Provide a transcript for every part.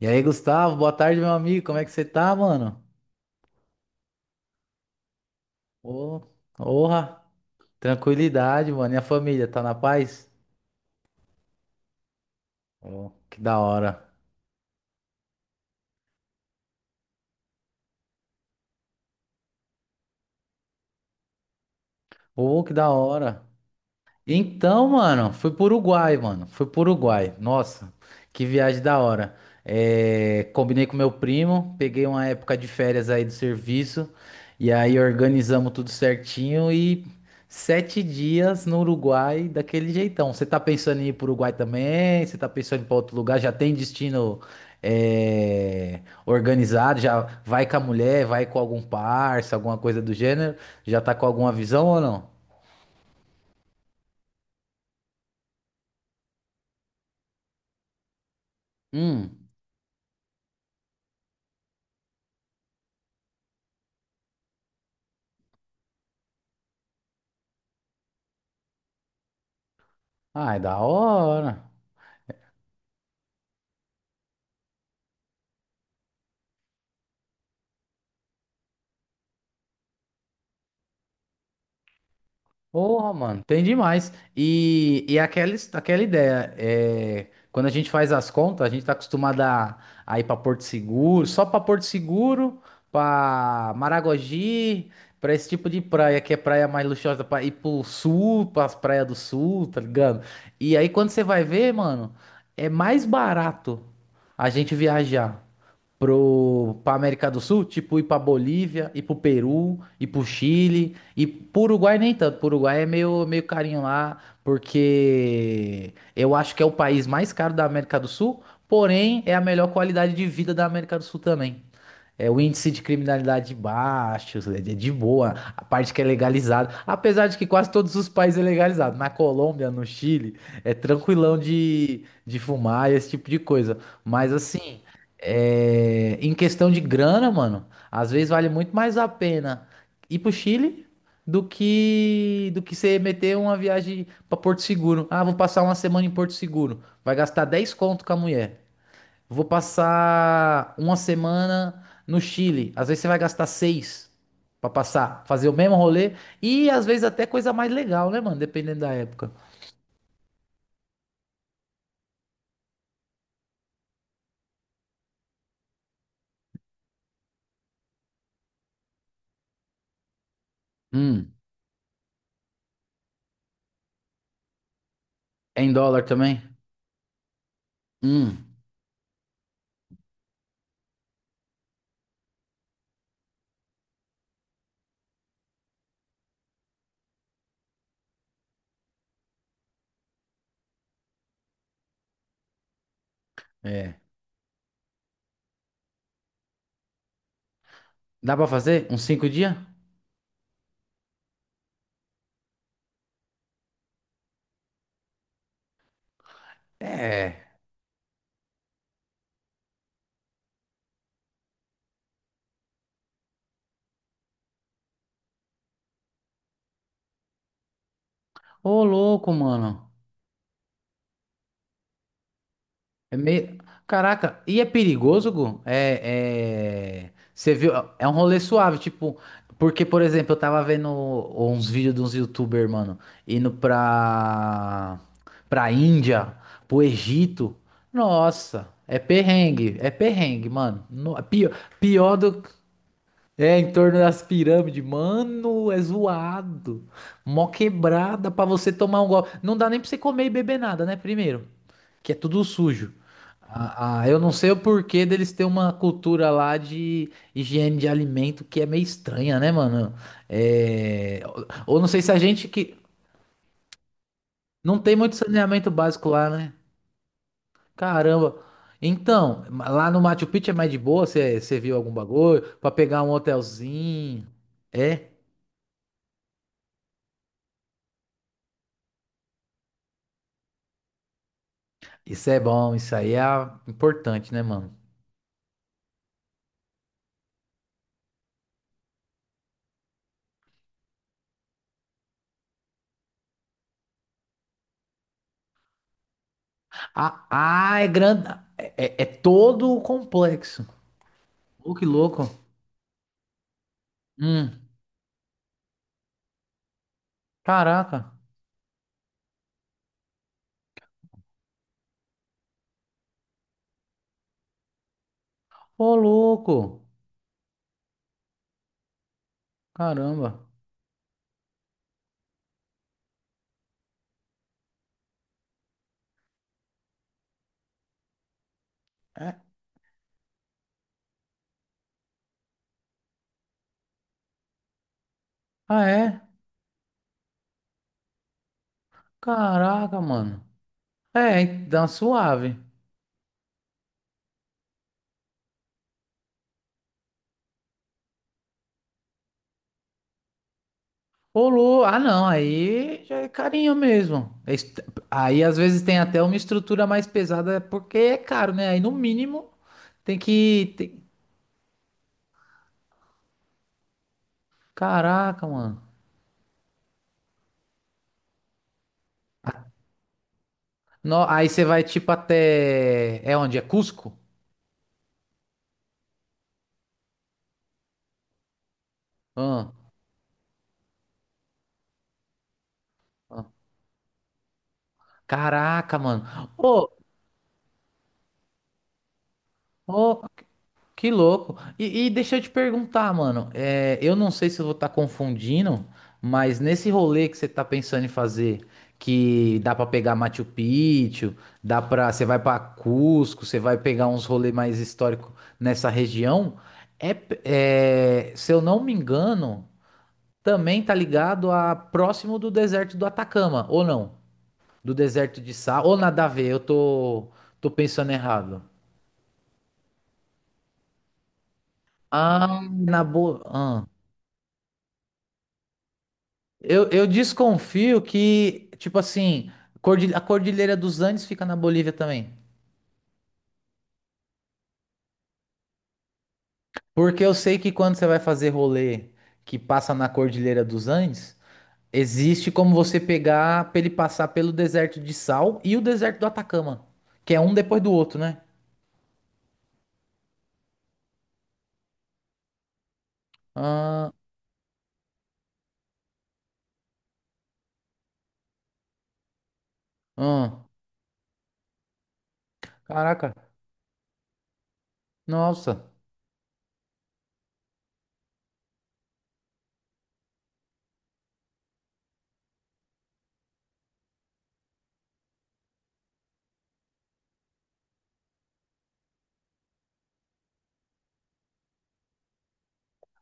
E aí, Gustavo, boa tarde, meu amigo. Como é que você tá, mano? Ô, honra, tranquilidade, mano. E a família, tá na paz? Ô, que da hora. Ô, que da hora. Então, mano, foi pro Uruguai, mano. Foi pro Uruguai. Nossa, que viagem da hora. É, combinei com meu primo, peguei uma época de férias aí do serviço, e aí organizamos tudo certinho e 7 dias no Uruguai daquele jeitão. Você tá pensando em ir pro Uruguai também? Você tá pensando em ir pra outro lugar? Já tem destino, organizado? Já vai com a mulher, vai com algum parça, alguma coisa do gênero? Já tá com alguma visão ou não? Hum. Ai, da hora. Porra, mano, tem demais. E aquela, aquela ideia, quando a gente faz as contas, a gente tá acostumado a ir pra Porto Seguro, só pra Porto Seguro, pra Maragogi, pra esse tipo de praia, que é praia mais luxuosa, pra ir pro sul, pras praias do sul, tá ligado? E aí quando você vai ver, mano, é mais barato a gente viajar pra América do Sul, tipo ir pra Bolívia, ir pro Peru, ir pro Chile, e pro Uruguai nem tanto. Pro Uruguai é meio carinho lá, porque eu acho que é o país mais caro da América do Sul, porém é a melhor qualidade de vida da América do Sul também. É o índice de criminalidade baixo, é de boa, a parte que é legalizada. Apesar de que quase todos os países é legalizado. Na Colômbia, no Chile, é tranquilão de fumar e esse tipo de coisa. Mas assim, em questão de grana, mano, às vezes vale muito mais a pena ir pro Chile do que você meter uma viagem pra Porto Seguro. Ah, vou passar uma semana em Porto Seguro. Vai gastar 10 conto com a mulher. Vou passar uma semana no Chile. Às vezes você vai gastar seis pra passar, fazer o mesmo rolê. E às vezes até coisa mais legal, né, mano? Dependendo da época. Hum, é em dólar também? Hum, é. Dá pra fazer? Uns 5 dias? É. Ô, louco, mano. É meio. Caraca, e é perigoso, Gu? É. Você viu? É um rolê suave, tipo. Porque, por exemplo, eu tava vendo uns vídeos de uns YouTuber, mano, indo pra Índia, pro Egito. Nossa, é perrengue, mano. Pior, pior do. É, em torno das pirâmides. Mano, é zoado. Mó quebrada pra você tomar um golpe. Não dá nem pra você comer e beber nada, né? Primeiro que é tudo sujo. Ah, eu não sei o porquê deles ter uma cultura lá de higiene de alimento que é meio estranha, né, mano? É. Ou não sei se a gente que não tem muito saneamento básico lá, né? Caramba. Então, lá no Machu Picchu é mais de boa, você viu algum bagulho pra pegar um hotelzinho. É? Isso é bom, isso aí é importante, né, mano? Ah, é grande, é todo o complexo. Ô, que louco. Hum. Caraca. Ô, louco. Caramba. É? Ah, é? Caraca, mano. É, dá uma suave. Ah, não. Aí já é carinho mesmo. Aí às vezes tem até uma estrutura mais pesada porque é caro, né? Aí no mínimo tem que. Caraca, mano. Aí você vai tipo até. É onde? É Cusco? Ah, ah. Caraca, mano. Ô, ô. Que louco. E deixa eu te perguntar, mano. Eu não sei se eu vou estar confundindo, mas nesse rolê que você tá pensando em fazer, que dá pra pegar Machu Picchu, dá para você vai pra Cusco, você vai pegar uns rolês mais históricos nessa região, se eu não me engano, também tá ligado a próximo do deserto do Atacama, ou não? Do deserto de Sal, ou nada a ver, eu tô pensando errado. Ah, na boa. Ah. Eu desconfio que, tipo assim, a Cordilheira dos Andes fica na Bolívia também. Porque eu sei que quando você vai fazer rolê que passa na Cordilheira dos Andes, existe como você pegar pra ele passar pelo deserto de Sal e o deserto do Atacama, que é um depois do outro, né? Ah, ah, caraca, nossa.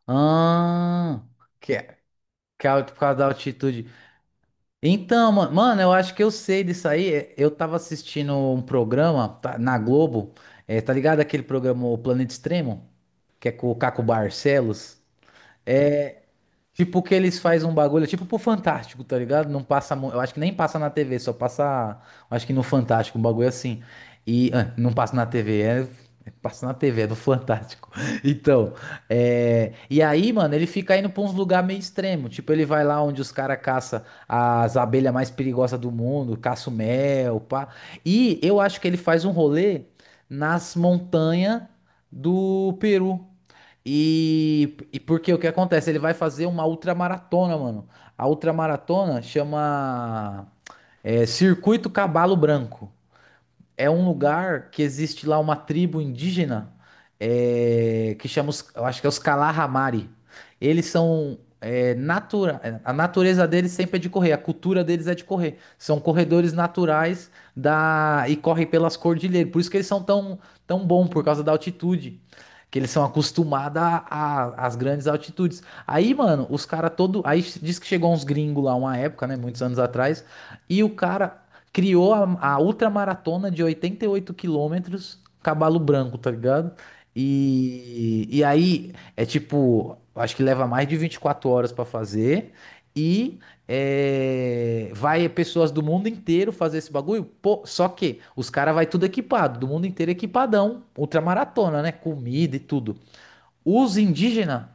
Ah, que é, que é por causa da altitude. Então, mano, eu acho que eu sei disso aí. É, eu tava assistindo um programa tá, na Globo, tá ligado aquele programa O Planeta Extremo, que é com o Caco Barcelos? É, tipo que eles fazem um bagulho, tipo pro Fantástico, tá ligado? Não passa, eu acho que nem passa na TV, só passa, eu acho que no Fantástico, um bagulho assim. E ah, não passa na TV, passa na TV, é do Fantástico. Então, e aí, mano, ele fica indo pra uns lugares meio extremo, tipo ele vai lá onde os caras caça as abelhas mais perigosas do mundo, caça o mel, pá. E eu acho que ele faz um rolê nas montanhas do Peru. E porque o que acontece? Ele vai fazer uma ultramaratona, mano. A ultramaratona chama Circuito Cabalo Branco. É um lugar que existe lá uma tribo indígena que chama, os, eu acho que é os Kalahamari. Eles são a natureza deles sempre é de correr, a cultura deles é de correr. São corredores naturais da e correm pelas cordilheiras. Por isso que eles são tão tão bom por causa da altitude. Que eles são acostumados às grandes altitudes. Aí, mano, os caras todo. Aí diz que chegou uns gringos lá uma época, né? Muitos anos atrás. E o cara criou a ultramaratona de 88 quilômetros, Cavalo Branco, tá ligado? E aí é tipo, acho que leva mais de 24 horas pra fazer. E vai pessoas do mundo inteiro fazer esse bagulho. Pô, só que os caras vai tudo equipado, do mundo inteiro equipadão, ultramaratona, né? Comida e tudo. Os indígenas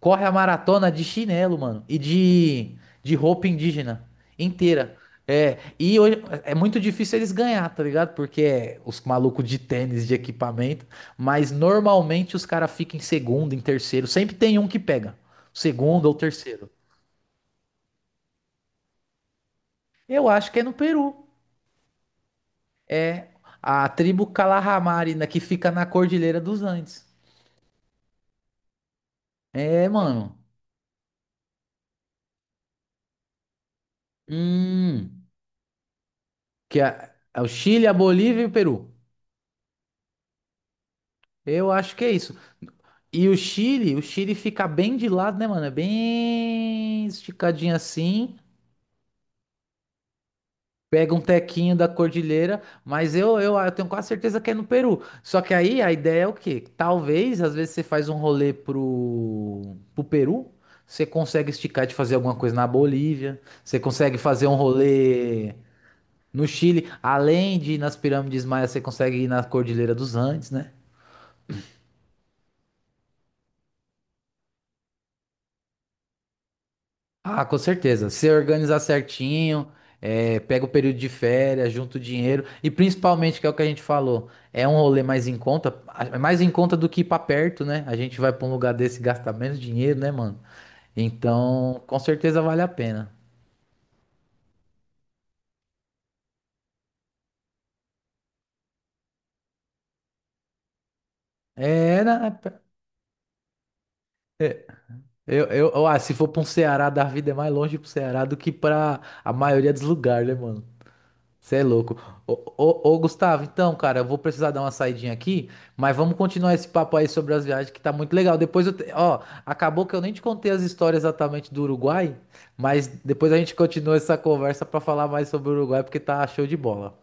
correm a maratona de chinelo, mano, e de roupa indígena inteira. É, e hoje, é muito difícil eles ganhar, tá ligado? Porque é os malucos de tênis, de equipamento, mas normalmente os caras ficam em segundo, em terceiro, sempre tem um que pega, segundo ou terceiro. Eu acho que é no Peru. É a tribo Calahamari, né, que fica na Cordilheira dos Andes. É, mano. Hum, que é o Chile, a Bolívia e o Peru. Eu acho que é isso. E o Chile fica bem de lado, né, mano? É bem esticadinho assim. Pega um tequinho da cordilheira, mas eu tenho quase certeza que é no Peru. Só que aí a ideia é o quê? Talvez, às vezes, você faz um rolê pro Peru, você consegue esticar de fazer alguma coisa na Bolívia, você consegue fazer um rolê no Chile, além de ir nas pirâmides maias, você consegue ir na Cordilheira dos Andes, né? Ah, com certeza. Se organizar certinho, pega o período de férias, junta o dinheiro e principalmente, que é o que a gente falou, é um rolê mais em conta, é mais em conta do que ir pra perto, né? A gente vai pra um lugar desse e gasta menos dinheiro, né, mano? Então, com certeza vale a pena. É, é, se for pra um Ceará da vida, é mais longe pro Ceará do que pra a maioria dos lugares, né, mano? Você é louco. Ô, Gustavo, então, cara, eu vou precisar dar uma saidinha aqui, mas vamos continuar esse papo aí sobre as viagens, que tá muito legal. Ó, acabou que eu nem te contei as histórias exatamente do Uruguai, mas depois a gente continua essa conversa pra falar mais sobre o Uruguai, porque tá show de bola.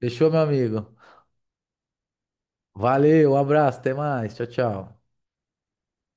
Fechou, meu amigo? Valeu, um abraço, até mais. Tchau, tchau.